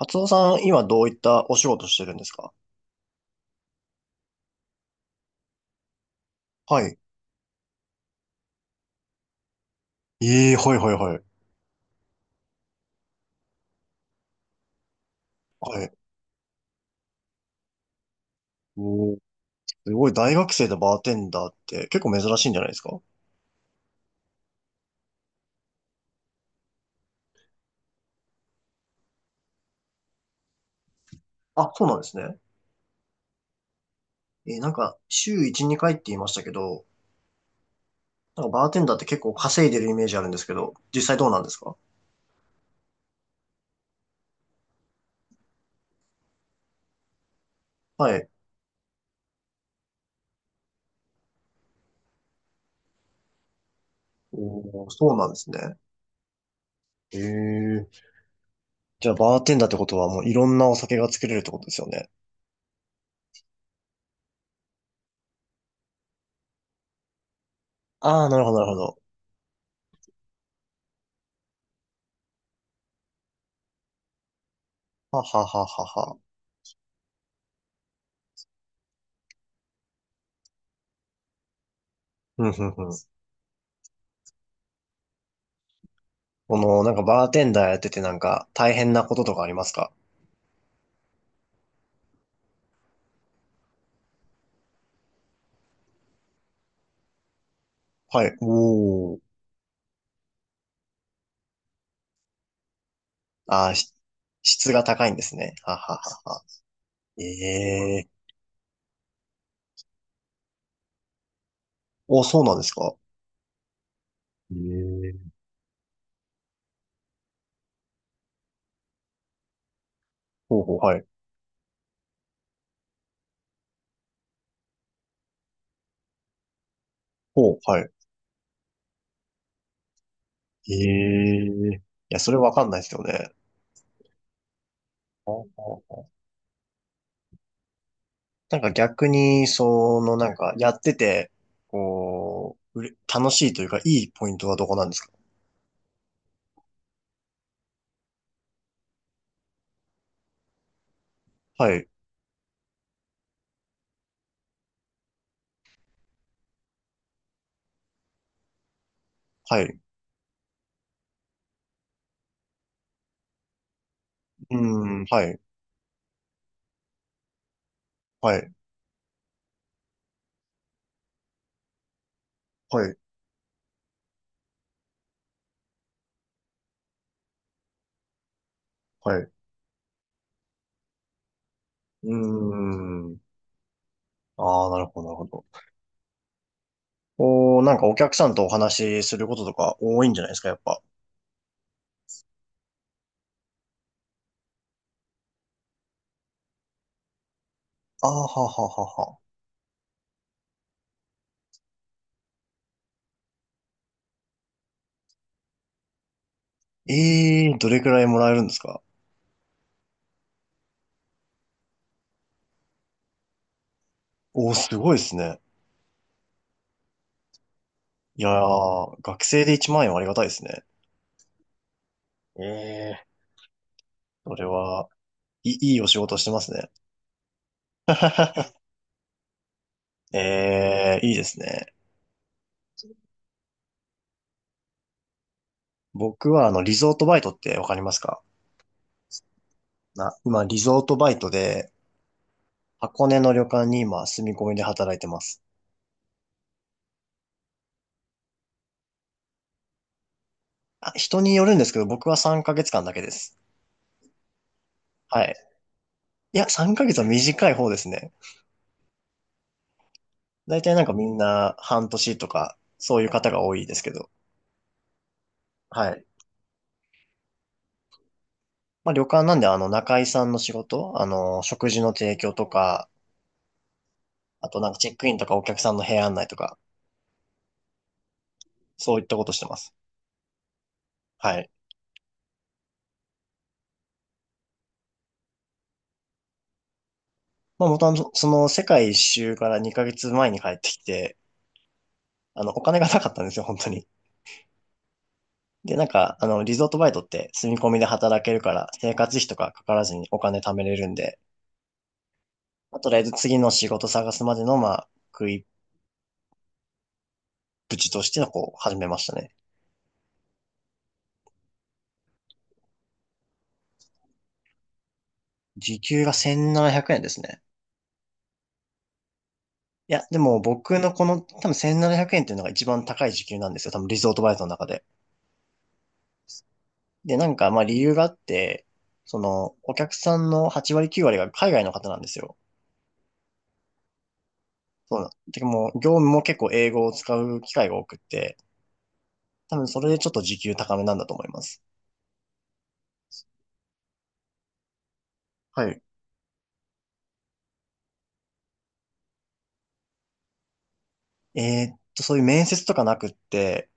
松尾さん、今どういったお仕事してるんですか？はい。ええ、はいはいはい。はい。おー、すごい、大学生でバーテンダーって結構珍しいんじゃないですか？あ、そうなんですね。なんか、週1、2回って言いましたけど、なんかバーテンダーって結構稼いでるイメージあるんですけど、実際どうなんですか？はい。おー、そうなんですね。ええ。じゃあ、バーテンダーってことはもういろんなお酒が作れるってことですよね。ああ、なるほど、なるほど。ははははは。ふんふんふん。この、なんかバーテンダーやっててなんか大変なこととかありますか？はい。おー。あー、し質が高いんですね。はははは。ええー。お、そうなんですか？ええー、ほうほう。はい。ほう、はい。ええー。いや、それわかんないですよね。ああ、なんか逆に、その、なんかやってて、こう、楽しいというか、いいポイントはどこなんですか？はい、はい、うーん、はい、はい、はい、はい、うーん。ああ、なるほど、なるほど。おー、なんかお客さんとお話しすることとか多いんじゃないですか、やっぱ？ああ、はははは。ええー、どれくらいもらえるんですか？おー、すごいですね。いやー、学生で1万円はありがたいですね。ええー、それは、いい、いいお仕事してますね。ええー、いいですね。僕はリゾートバイトってわかりますか？今、リゾートバイトで、箱根の旅館に今、住み込みで働いてます。あ、人によるんですけど、僕は3ヶ月間だけです。はい。いや、3ヶ月は短い方ですね。大体なんかみんな半年とか、そういう方が多いですけど。はい。まあ旅館なんで中居さんの仕事、食事の提供とか、あとなんかチェックインとかお客さんの部屋案内とか、そういったことしてます。はい。まあ元々その世界一周から2ヶ月前に帰ってきて、お金がなかったんですよ、本当に。で、なんか、リゾートバイトって住み込みで働けるから、生活費とかかからずにお金貯めれるんで、まあとりあえず次の仕事探すまでの、まあ、食いっぷちとして、こう、始めましたね。時給が1700円ですね。いや、でも僕のこの多分1700円っていうのが一番高い時給なんですよ。多分リゾートバイトの中で。で、なんかまあ理由があって、そのお客さんの8割9割が海外の方なんですよ。そうなん。てかもう業務も結構英語を使う機会が多くって、多分それでちょっと時給高めなんだと思います。はい。そういう面接とかなくって、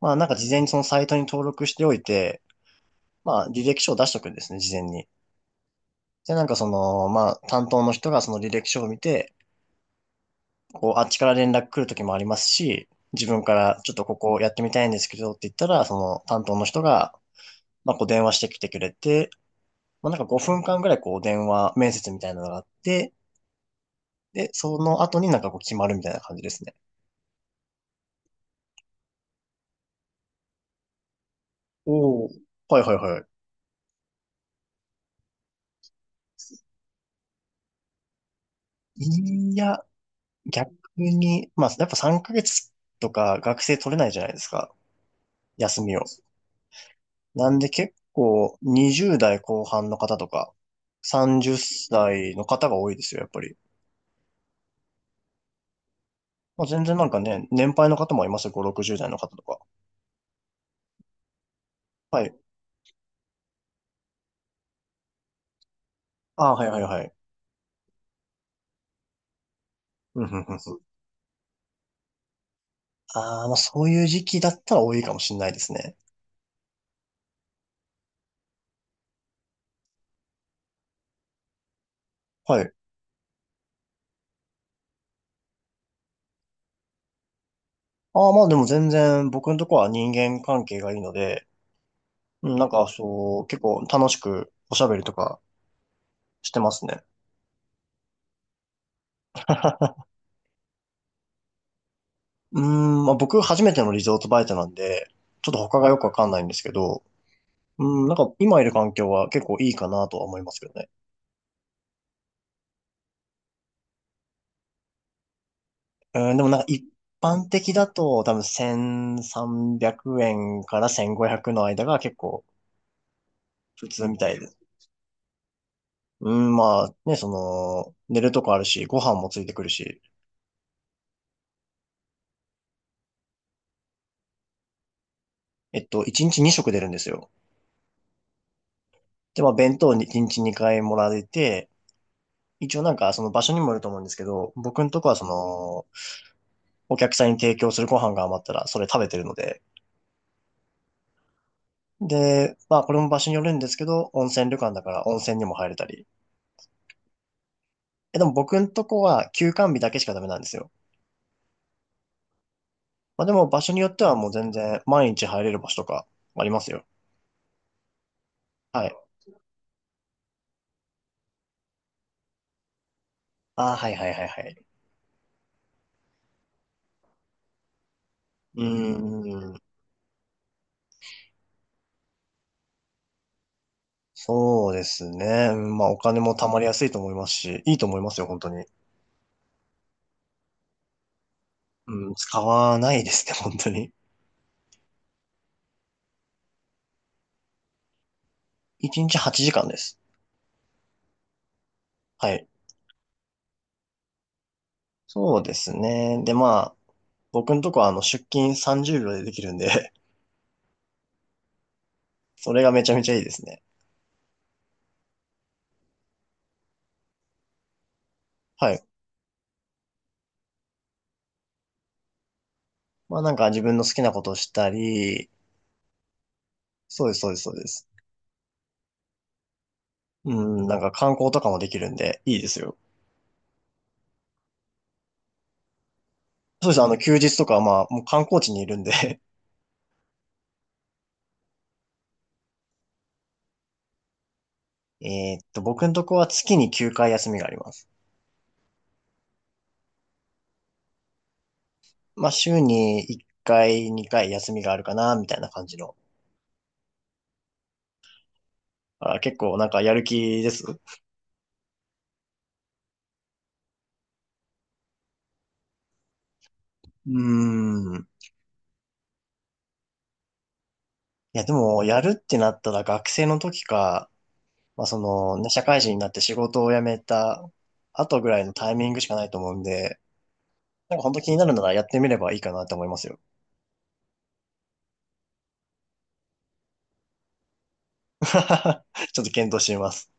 まあなんか事前にそのサイトに登録しておいて、まあ履歴書を出しとくんですね、事前に。で、なんかその、まあ、担当の人がその履歴書を見て、こう、あっちから連絡来る時もありますし、自分からちょっとここやってみたいんですけどって言ったら、その担当の人が、まあ、こう電話してきてくれて、まあ、なんか5分間ぐらいこう電話面接みたいなのがあって、で、その後になんかこう決まるみたいな感じですね。おお、はいはいはい。いや、逆に、まあ、やっぱ3ヶ月とか学生取れないじゃないですか。休みを。なんで結構20代後半の方とか30歳の方が多いですよ、やっぱり。まあ、全然なんかね、年配の方もいますよ、5、60代の方とか。はい。ああ、はいはいはい。うんうんうんうん。ああ、まあそういう時期だったら多いかもしれないですね。はい。ああ、まあでも全然僕のとこは人間関係がいいので、うん、なんかそう、結構楽しくおしゃべりとかしてますね。うーん、まあ僕初めてのリゾートバイトなんで、ちょっと他がよくわかんないんですけど、うん、なんか今いる環境は結構いいかなとは思いますけどね。うん、でもなんか一般的だと多分1300円から1500の間が結構普通みたいです。うん、まあね、その、寝るとこあるし、ご飯もついてくるし、1日2食出るんですよ。で、まあ弁当に1日2回もらえて、一応なんかその場所にもよると思うんですけど、僕のとこはその、お客さんに提供するご飯が余ったらそれ食べてるので、で、まあこれも場所によるんですけど、温泉旅館だから温泉にも入れたり、え、でも僕んとこは休館日だけしかダメなんですよ。まあでも場所によってはもう全然毎日入れる場所とかありますよ。はい。ああ、はいはいはいはい。うーん。そうですね。うんまあお金も貯まりやすいと思いますし、いいと思いますよ、本当に。うん、使わないですね、本当に。1日8時間です。はい。そうですね。で、まあ、僕んとこは出勤30秒でできるんで それがめちゃめちゃいいですね。はい。まあなんか自分の好きなことをしたり、そうです、そうです、そうです。うん、なんか観光とかもできるんで、いいですよ。そうですね、休日とかはまあ、もう観光地にいるんで 僕のとこは月に9回休みがあります。まあ、週に1回、2回休みがあるかな、みたいな感じの。あ、結構なんかやる気です。うーん。いや、でも、やるってなったら学生の時か、まあ、その、ね、社会人になって仕事を辞めた後ぐらいのタイミングしかないと思うんで、なんか本当気になるならやってみればいいかなと思いますよ。ちょっと検討してみます。